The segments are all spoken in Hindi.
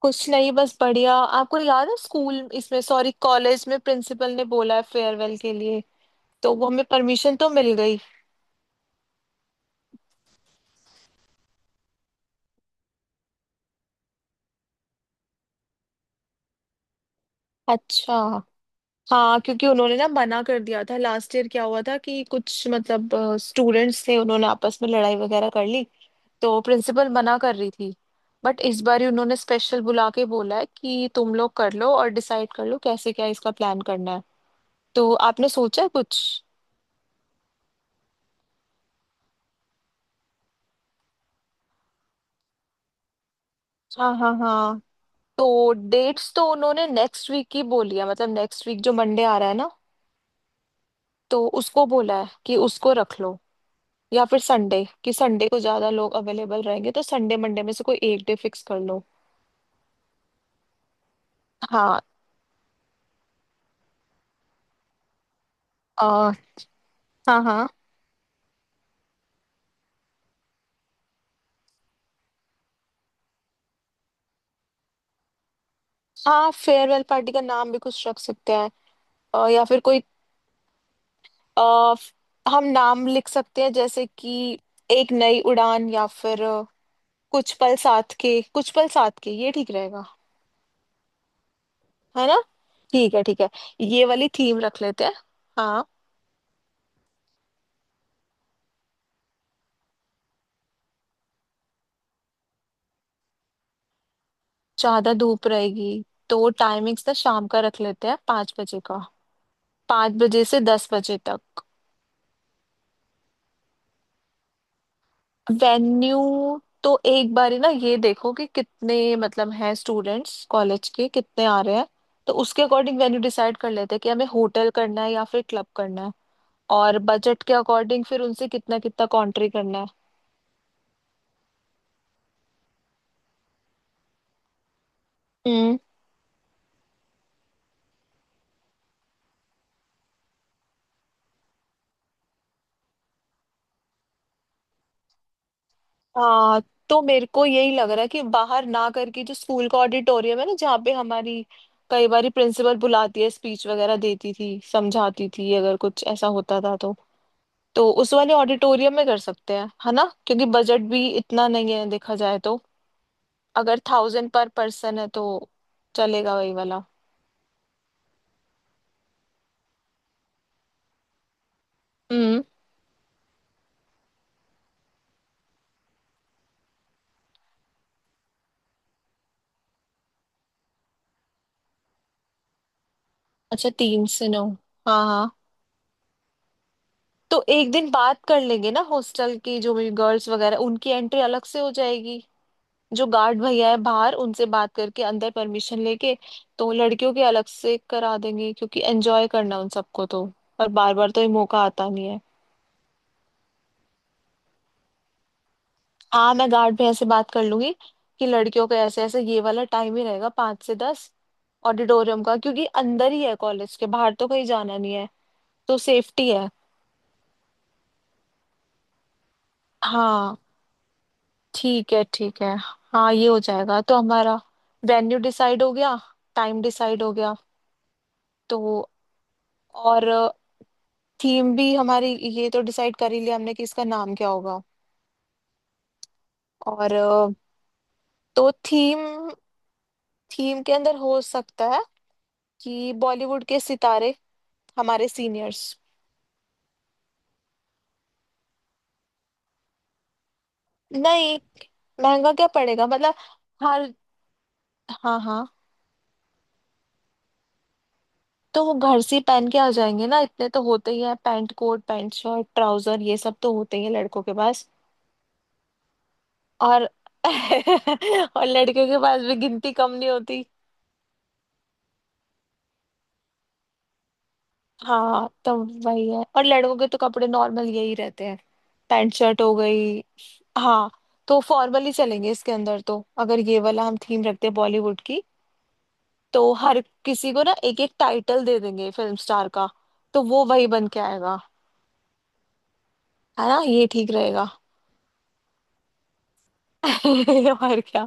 कुछ नहीं, बस बढ़िया। आपको याद है स्कूल, इसमें सॉरी कॉलेज में प्रिंसिपल ने बोला है फेयरवेल के लिए। तो वो हमें परमिशन तो मिल गई। अच्छा। हाँ, क्योंकि उन्होंने ना मना कर दिया था। लास्ट ईयर क्या हुआ था कि कुछ मतलब स्टूडेंट्स थे, उन्होंने आपस में लड़ाई वगैरह कर ली। तो प्रिंसिपल मना कर रही थी। बट इस बार ही उन्होंने स्पेशल बुला के बोला है कि तुम लोग कर लो और डिसाइड कर लो कैसे क्या इसका प्लान करना है। तो आपने सोचा है कुछ? हाँ हाँ हाँ। तो डेट्स तो उन्होंने नेक्स्ट वीक की बोली है, मतलब नेक्स्ट वीक जो मंडे आ रहा है ना, तो उसको बोला है कि उसको रख लो। या फिर संडे, कि संडे को ज्यादा लोग अवेलेबल रहेंगे, तो संडे मंडे में से कोई एक डे फिक्स कर लो। हाँ। अ, हाँ हाँ हाँ। फेयरवेल पार्टी का नाम भी कुछ रख सकते हैं। या फिर कोई, अ, हम नाम लिख सकते हैं, जैसे कि एक नई उड़ान, या फिर कुछ पल साथ के, कुछ पल साथ के, ये ठीक रहेगा। है ना? ठीक है ठीक है, ये वाली थीम रख लेते हैं। हाँ। ज्यादा धूप रहेगी, तो टाइमिंग्स ना शाम का रख लेते हैं, 5 बजे का। 5 बजे से 10 बजे तक। वेन्यू तो एक बार ही ना ये देखो कि कितने मतलब हैं स्टूडेंट्स, कॉलेज के कितने आ रहे हैं। तो उसके अकॉर्डिंग वेन्यू डिसाइड कर लेते हैं कि हमें होटल करना है या फिर क्लब करना है। और बजट के अकॉर्डिंग फिर उनसे कितना कितना कॉन्ट्री करना है। हाँ। तो मेरे को यही लग रहा है कि बाहर ना करके जो स्कूल का ऑडिटोरियम है ना, जहाँ पे हमारी कई बार प्रिंसिपल बुलाती है, स्पीच वगैरह देती थी, समझाती थी अगर कुछ ऐसा होता था तो उस वाले ऑडिटोरियम में कर सकते हैं, है ना, क्योंकि बजट भी इतना नहीं है देखा जाए तो। अगर थाउजेंड पर पर्सन है तो चलेगा वही वाला। हम्म। अच्छा, 3 से 9। हाँ हाँ। तो एक दिन बात कर लेंगे ना हॉस्टल की, जो भी गर्ल्स वगैरह, उनकी एंट्री अलग से हो जाएगी। जो गार्ड भैया है बाहर उनसे बात करके अंदर परमिशन लेके, तो लड़कियों के अलग से करा देंगे, क्योंकि एंजॉय करना है उन सबको तो। और बार बार तो ये मौका आता नहीं है। हाँ, मैं गार्ड भैया से बात कर लूंगी कि लड़कियों का ऐसे ऐसे ये वाला टाइम ही रहेगा, 5 से 10, ऑडिटोरियम का, क्योंकि अंदर ही है कॉलेज के, बाहर तो कहीं जाना नहीं है, तो सेफ्टी है। हाँ, ठीक है ठीक है। हाँ ये हो जाएगा। तो हमारा वेन्यू डिसाइड हो गया, टाइम डिसाइड हो गया। तो और थीम भी हमारी, ये तो डिसाइड कर ही लिया हमने कि इसका नाम क्या होगा। और तो थीम, थीम के अंदर हो सकता है कि बॉलीवुड के सितारे, हमारे सीनियर्स। नहीं, महंगा क्या पड़ेगा, मतलब। हर हाँ हाँ। तो वो घर से ही पहन के आ जाएंगे ना, इतने तो होते ही हैं, pant coat, pant shirt, trouser, ये सब तो होते ही हैं लड़कों के पास। और और लड़कियों के पास भी गिनती कम नहीं होती। हाँ, तो वही है, और लड़कों के तो कपड़े नॉर्मल यही रहते हैं, पैंट शर्ट हो गई। हाँ। तो फॉर्मल ही चलेंगे इसके अंदर तो, अगर ये वाला हम थीम रखते हैं बॉलीवुड की। तो हर किसी को ना एक एक टाइटल दे देंगे फिल्म स्टार का, तो वो वही बन के आएगा। है ना, ये ठीक रहेगा। और क्या,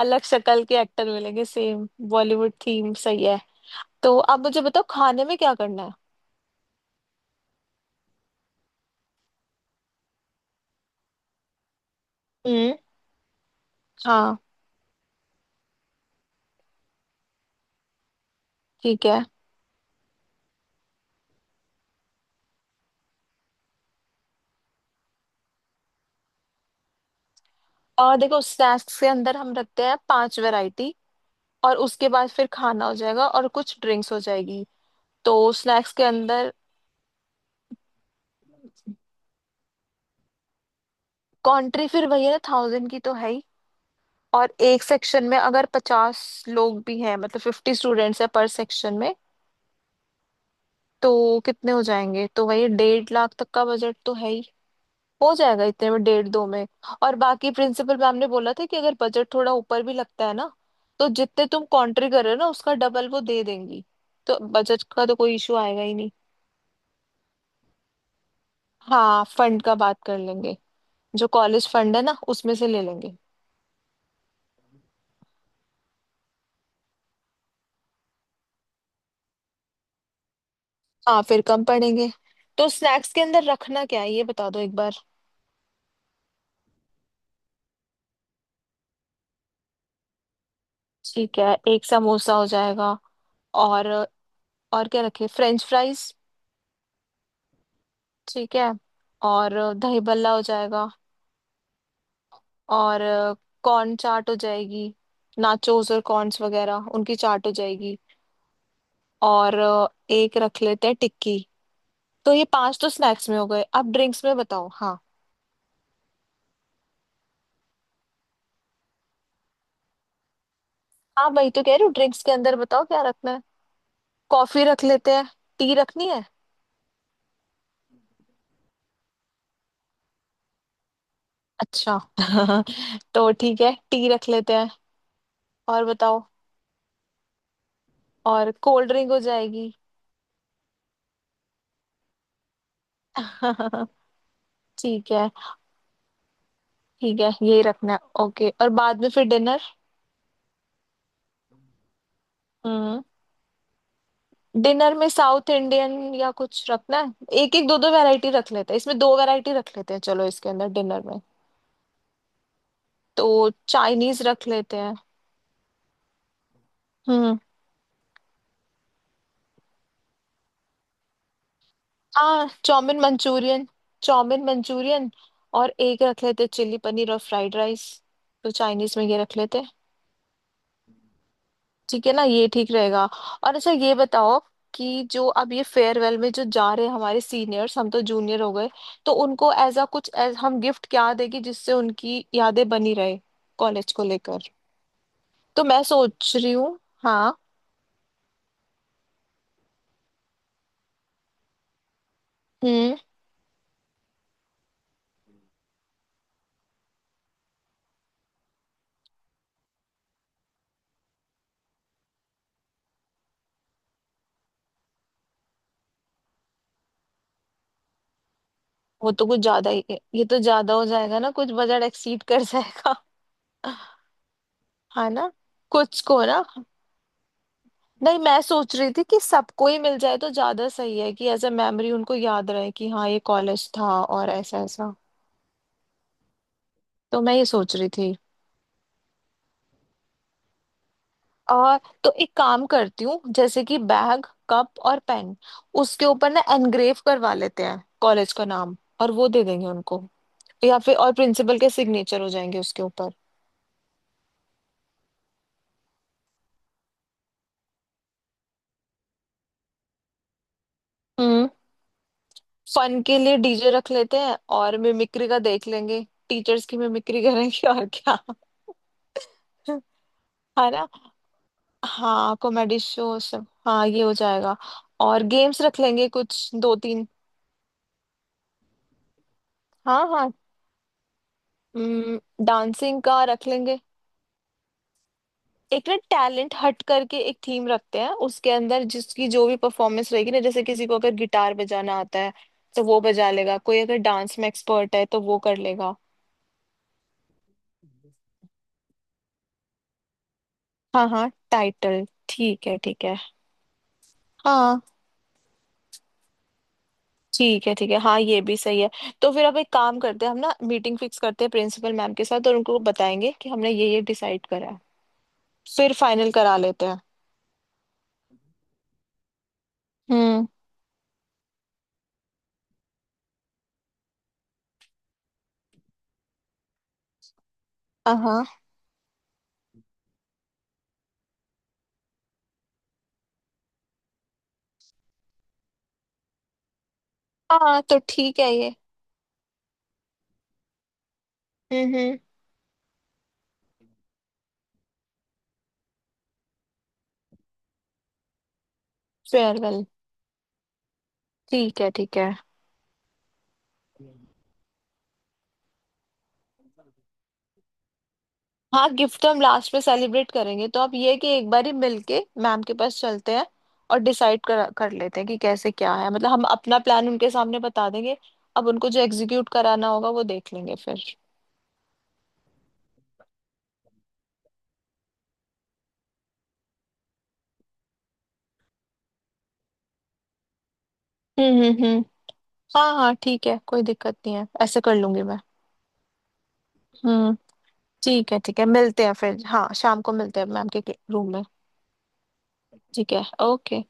अलग शक्ल के एक्टर मिलेंगे, सेम बॉलीवुड थीम सही है। तो अब मुझे बताओ खाने में क्या करना है। हम्म। हाँ ठीक है। और देखो, स्नैक्स के अंदर हम रखते हैं पांच वैरायटी, और उसके बाद फिर खाना हो जाएगा और कुछ ड्रिंक्स हो जाएगी। तो स्नैक्स के अंदर कंट्री फिर वही है ना, थाउजेंड की तो है ही। और एक सेक्शन में अगर 50 लोग भी हैं, मतलब 50 स्टूडेंट्स है पर सेक्शन में, तो कितने हो जाएंगे? तो वही 1.5 लाख तक का बजट तो है ही। हो जाएगा इतने में, डेढ़ दो में। और बाकी प्रिंसिपल मैम ने बोला था कि अगर बजट थोड़ा ऊपर भी लगता है ना, तो जितने तुम कंट्री कर रहे हो ना, उसका डबल वो दे देंगी। तो बजट का तो कोई इशू आएगा ही नहीं। हाँ, फंड का बात कर लेंगे, जो कॉलेज फंड है ना उसमें से ले लेंगे। हाँ, फिर कम पड़ेंगे। तो स्नैक्स के अंदर रखना क्या है, ये बता दो एक बार। ठीक है, एक समोसा हो जाएगा। और और क्या रखे, फ्रेंच फ्राइज? ठीक है। और दही भल्ला हो जाएगा। और कॉर्न चाट हो जाएगी, नाचोस और कॉर्न्स वगैरह उनकी चाट हो जाएगी। और एक रख लेते हैं टिक्की। तो ये पांच तो स्नैक्स में हो गए, अब ड्रिंक्स में बताओ। हाँ। हाँ, वही तो कह रही हूँ, ड्रिंक्स के अंदर बताओ क्या रखना है। कॉफी रख लेते हैं। टी रखनी है? अच्छा तो ठीक है, टी रख लेते हैं, और बताओ। और कोल्ड ड्रिंक हो जाएगी। ठीक है ठीक है, यही रखना है, ओके। और बाद में फिर डिनर। हम्म। डिनर में साउथ इंडियन या कुछ रखना है, एक एक दो दो वैरायटी रख लेते हैं इसमें, दो वैरायटी रख लेते हैं चलो इसके अंदर डिनर में। तो चाइनीज रख लेते हैं। हम्म। हाँ, चाउमिन मंचूरियन, चाउमिन मंचूरियन। और एक रख लेते हैं चिल्ली पनीर और फ्राइड राइस। तो चाइनीज में ये रख लेते हैं। ठीक है ना, ये ठीक रहेगा। और अच्छा ये बताओ कि जो अब ये फेयरवेल में जो जा रहे हैं हमारे सीनियर्स, हम तो जूनियर हो गए, तो उनको एज अ कुछ as हम गिफ्ट क्या देगी जिससे उनकी यादें बनी रहे कॉलेज को लेकर। तो मैं सोच रही हूँ, हाँ। हम्म। वो तो कुछ ज्यादा ही है, ये तो ज्यादा हो जाएगा ना, कुछ बजट एक्सीड कर जाएगा। हाँ ना। कुछ को ना। नहीं, मैं सोच रही थी कि सबको ही मिल जाए तो ज्यादा सही है, कि एज अ मेमोरी उनको याद रहे कि हाँ, ये कॉलेज था और ऐसा ऐसा। तो मैं ये सोच रही थी। आ, तो एक काम करती हूँ, जैसे कि बैग, कप और पेन, उसके ऊपर ना एनग्रेव करवा लेते हैं कॉलेज का नाम, और वो दे देंगे उनको। या फिर और प्रिंसिपल के सिग्नेचर हो जाएंगे उसके ऊपर। हम्म। फन के लिए डीजे रख लेते हैं, और मिमिक्री का देख लेंगे, टीचर्स की मिमिक्री करेंगे, और क्या है ना। हाँ, कॉमेडी शो सब, हाँ ये हो जाएगा। और गेम्स रख लेंगे कुछ दो तीन। हाँ हाँ। हम्म, डांसिंग का रख लेंगे। एक ना टैलेंट हट करके एक थीम रखते हैं उसके अंदर, जिसकी जो भी परफॉर्मेंस रहेगी ना, जैसे किसी को अगर गिटार बजाना आता है तो वो बजा लेगा, कोई अगर डांस में एक्सपर्ट है तो वो कर लेगा। हाँ हाँ, टाइटल ठीक है ठीक है। हाँ, ठीक है ठीक है, हाँ ये भी सही है। तो फिर अब एक काम करते हैं हम ना, मीटिंग फिक्स करते हैं प्रिंसिपल मैम के साथ, और उनको बताएंगे कि हमने ये डिसाइड करा है, फिर फाइनल करा लेते हैं। हम्म। हाँ हाँ हाँ, तो ठीक है ये। हम्म। फेयरवेल। ठीक है ठीक है। हाँ, गिफ्ट तो हम लास्ट में सेलिब्रेट करेंगे, तो आप ये है कि एक बार ही मिलके मैम के पास चलते हैं और डिसाइड कर कर लेते हैं कि कैसे क्या है, मतलब हम अपना प्लान उनके सामने बता देंगे। अब उनको जो एग्जीक्यूट कराना होगा वो देख लेंगे फिर। हम्म। हाँ हाँ, ठीक है, कोई दिक्कत नहीं है, ऐसे कर लूंगी मैं। हम्म। ठीक है ठीक है, मिलते हैं फिर, हाँ शाम को मिलते हैं मैम के रूम में। ठीक है, ओके।